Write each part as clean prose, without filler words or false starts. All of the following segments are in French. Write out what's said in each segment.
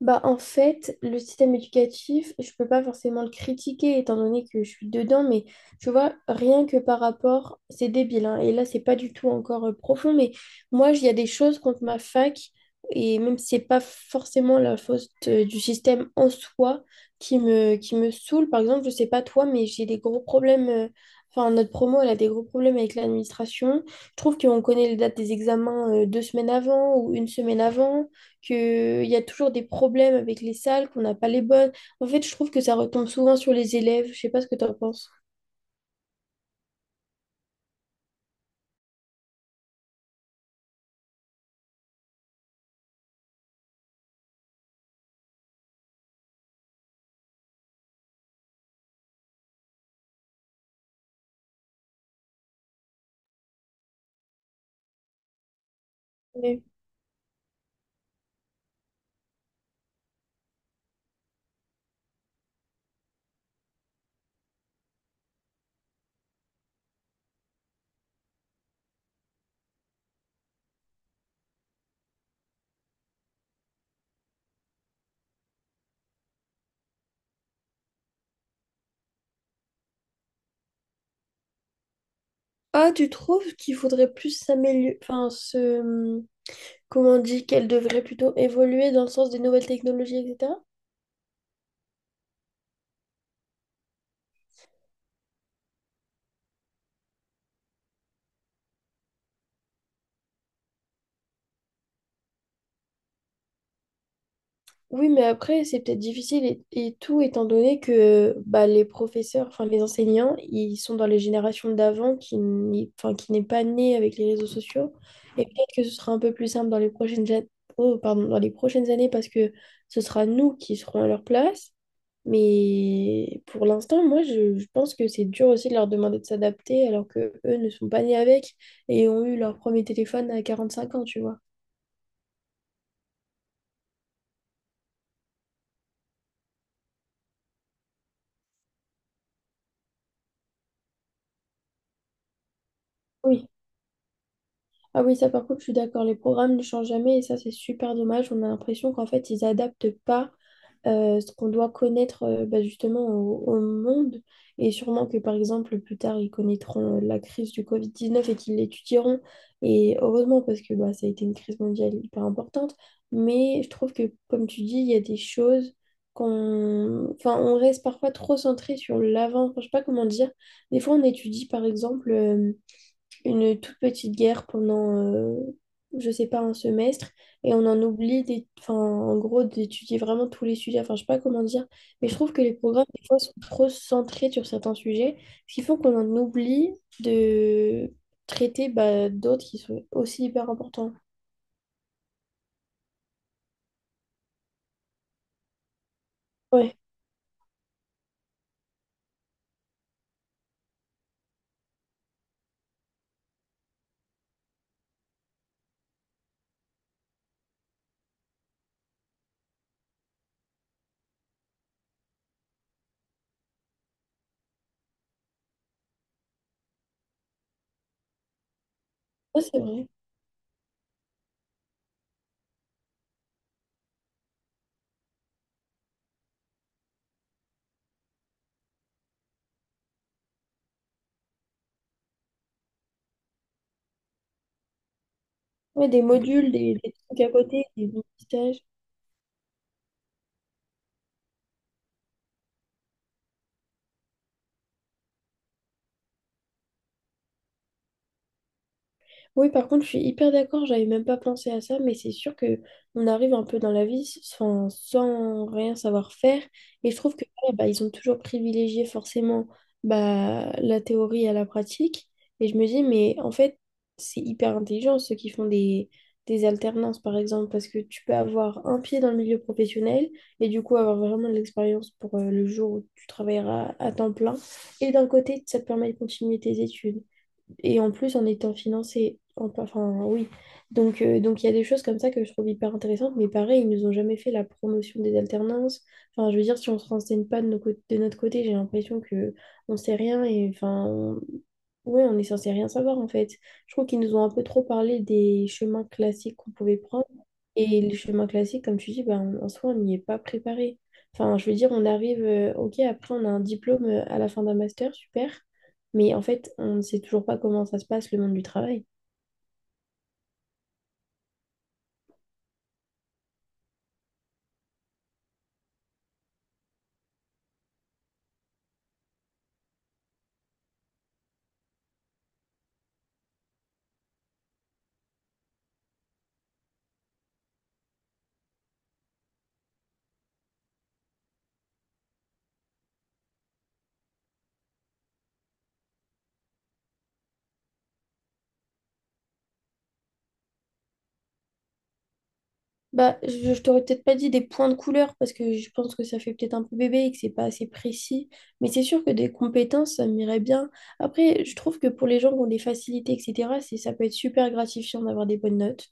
Bah, en fait, le système éducatif, je peux pas forcément le critiquer étant donné que je suis dedans, mais tu vois, rien que par rapport, c'est débile, hein, et là, c'est pas du tout encore profond, mais moi, il y a des choses contre ma fac, et même si c'est pas forcément la faute du système en soi qui me saoule, par exemple, je sais pas toi, mais j'ai des gros problèmes, enfin, notre promo, elle a des gros problèmes avec l'administration. Je trouve qu'on connaît les dates des examens 2 semaines avant ou une semaine avant qu'il y a toujours des problèmes avec les salles, qu'on n'a pas les bonnes. En fait, je trouve que ça retombe souvent sur les élèves. Je sais pas ce que tu en penses. Mais- Ah, tu trouves qu'il faudrait plus s'améliorer, enfin, se… comment on dit, qu'elle devrait plutôt évoluer dans le sens des nouvelles technologies, etc. Oui, mais après, c'est peut-être difficile et tout, étant donné que bah, les professeurs, enfin les enseignants, ils sont dans les générations d'avant qui n'est pas née avec les réseaux sociaux. Et peut-être que ce sera un peu plus simple dans les prochaines, oh, pardon, dans les prochaines années parce que ce sera nous qui serons à leur place. Mais pour l'instant, moi, je pense que c'est dur aussi de leur demander de s'adapter alors que eux ne sont pas nés avec et ont eu leur premier téléphone à 45 ans, tu vois. Oui. Ah oui, ça par contre, je suis d'accord. Les programmes ne changent jamais et ça, c'est super dommage. On a l'impression qu'en fait, ils adaptent pas ce qu'on doit connaître bah, justement au monde. Et sûrement que, par exemple, plus tard, ils connaîtront la crise du Covid-19 et qu'ils l'étudieront. Et heureusement, parce que bah, ça a été une crise mondiale hyper importante. Mais je trouve que, comme tu dis, il y a des choses qu'on… Enfin, on reste parfois trop centré sur l'avant. Enfin, je sais pas comment dire. Des fois, on étudie, par exemple… une toute petite guerre pendant, je sais pas, un semestre, et on en oublie, enfin, en gros, d'étudier vraiment tous les sujets. Enfin, je sais pas comment dire, mais je trouve que les programmes, des fois, sont trop centrés sur certains sujets, ce qui fait qu'on en oublie de traiter bah, d'autres qui sont aussi hyper importants. Ouais, ça, c'est vrai. Ouais, des modules, des trucs à côté, des mini. Oui, par contre, je suis hyper d'accord, j'avais même pas pensé à ça, mais c'est sûr que on arrive un peu dans la vie sans rien savoir faire. Et je trouve que ouais, bah, ils ont toujours privilégié forcément bah, la théorie à la pratique. Et je me dis, mais en fait, c'est hyper intelligent ceux qui font des alternances, par exemple, parce que tu peux avoir un pied dans le milieu professionnel et du coup avoir vraiment de l'expérience pour le jour où tu travailleras à temps plein. Et d'un côté, ça te permet de continuer tes études. Et en plus, en étant financé, enfin oui. Donc il y a des choses comme ça que je trouve hyper intéressantes, mais pareil, ils nous ont jamais fait la promotion des alternances. Enfin, je veux dire, si on se renseigne pas de notre côté, j'ai l'impression que on sait rien et enfin, ouais, on est censé rien savoir en fait. Je trouve qu'ils nous ont un peu trop parlé des chemins classiques qu'on pouvait prendre. Et les chemins classiques, comme tu dis, ben, en soi, on n'y est pas préparé. Enfin, je veux dire, on arrive, ok, après, on a un diplôme à la fin d'un master, super. Mais en fait, on ne sait toujours pas comment ça se passe, le monde du travail. Bah, je t'aurais peut-être pas dit des points de couleur parce que je pense que ça fait peut-être un peu bébé et que c'est pas assez précis. Mais c'est sûr que des compétences, ça m'irait bien. Après, je trouve que pour les gens qui ont des facilités, etc., ça peut être super gratifiant d'avoir des bonnes notes.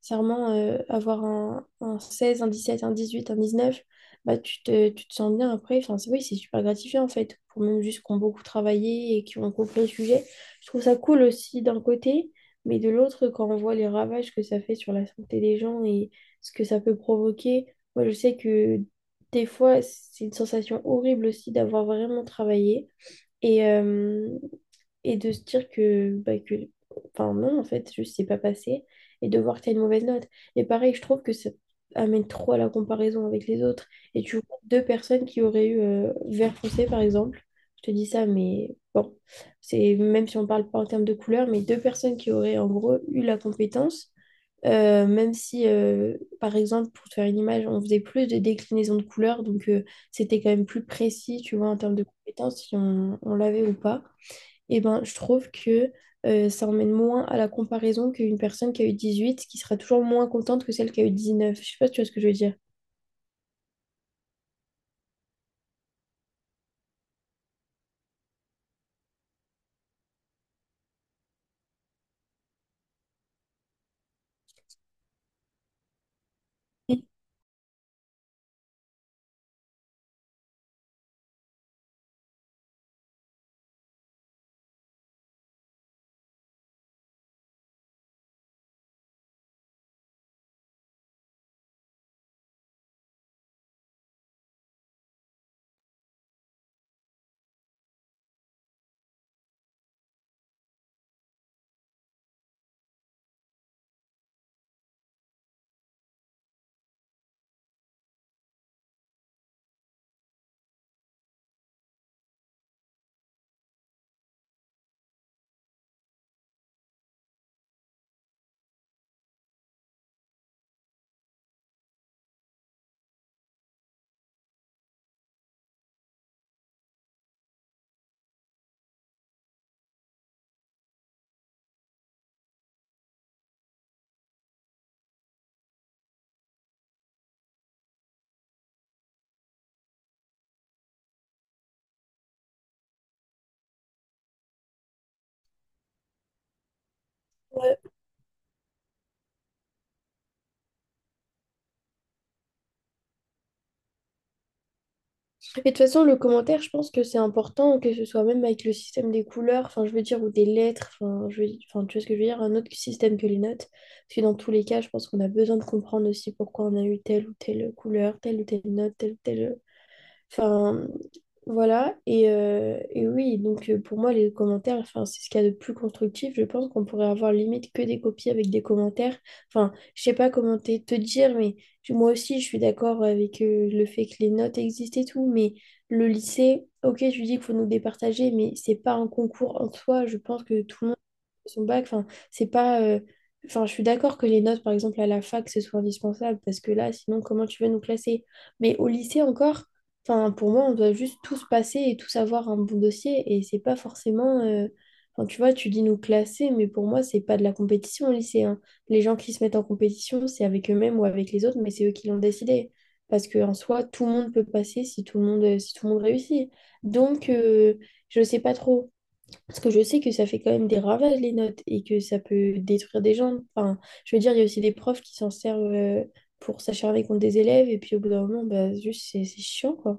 Sincèrement, avoir un 16 un 17 un 18 un 19 bah, tu te sens bien après. Enfin, oui, c'est super gratifiant en fait. Pour même juste qui ont beaucoup travaillé et qui ont compris le sujet. Je trouve ça cool aussi d'un côté. Mais de l'autre, quand on voit les ravages que ça fait sur la santé des gens, ce que ça peut provoquer. Moi, je sais que des fois, c'est une sensation horrible aussi d'avoir vraiment travaillé et, euh, et de se dire que, enfin non, en fait, je sais pas passer et de voir que tu as une mauvaise note. Et pareil, je trouve que ça amène trop à la comparaison avec les autres. Et tu vois deux personnes qui auraient eu vert foncé, par exemple. Je te dis ça, mais bon, c'est même si on parle pas en termes de couleur, mais deux personnes qui auraient en gros eu la compétence, même si, par exemple, pour te faire une image, on faisait plus de déclinaisons de couleurs, donc c'était quand même plus précis, tu vois, en termes de compétences, si on l'avait ou pas. Et ben, je trouve que ça emmène moins à la comparaison qu'une personne qui a eu 18, qui sera toujours moins contente que celle qui a eu 19. Je sais pas si tu vois ce que je veux dire. Oui. Et de toute façon, le commentaire, je pense que c'est important, que ce soit même avec le système des couleurs, enfin, je veux dire, ou des lettres, enfin, enfin, tu vois ce que je veux dire, un autre système que les notes. Parce que dans tous les cas, je pense qu'on a besoin de comprendre aussi pourquoi on a eu telle ou telle couleur, telle ou telle note, telle ou telle. Enfin, voilà. Et oui, donc pour moi, les commentaires, enfin, c'est ce qu'il y a de plus constructif. Je pense qu'on pourrait avoir limite que des copies avec des commentaires. Enfin, je sais pas comment te dire, mais moi aussi, je suis d'accord avec le fait que les notes existent et tout. Mais le lycée, ok, je lui dis qu'il faut nous départager, mais c'est pas un concours en soi. Je pense que tout le monde son bac. Enfin, c'est pas. Enfin, je suis d'accord que les notes, par exemple, à la fac, ce soit indispensable, parce que là, sinon, comment tu veux nous classer? Mais au lycée encore, enfin, pour moi, on doit juste tous passer et tous avoir un bon dossier, et c'est pas forcément. Enfin, tu vois, tu dis nous classer, mais pour moi, c'est pas de la compétition au lycée, hein. Les gens qui se mettent en compétition, c'est avec eux-mêmes ou avec les autres, mais c'est eux qui l'ont décidé. Parce que en soi, tout le monde peut passer si tout le monde, si tout le monde réussit. Donc, je sais pas trop. Parce que je sais que ça fait quand même des ravages, les notes, et que ça peut détruire des gens. Enfin, je veux dire, il y a aussi des profs qui s'en servent pour s'acharner contre des élèves, et puis au bout d'un moment, bah, juste, c'est chiant, quoi.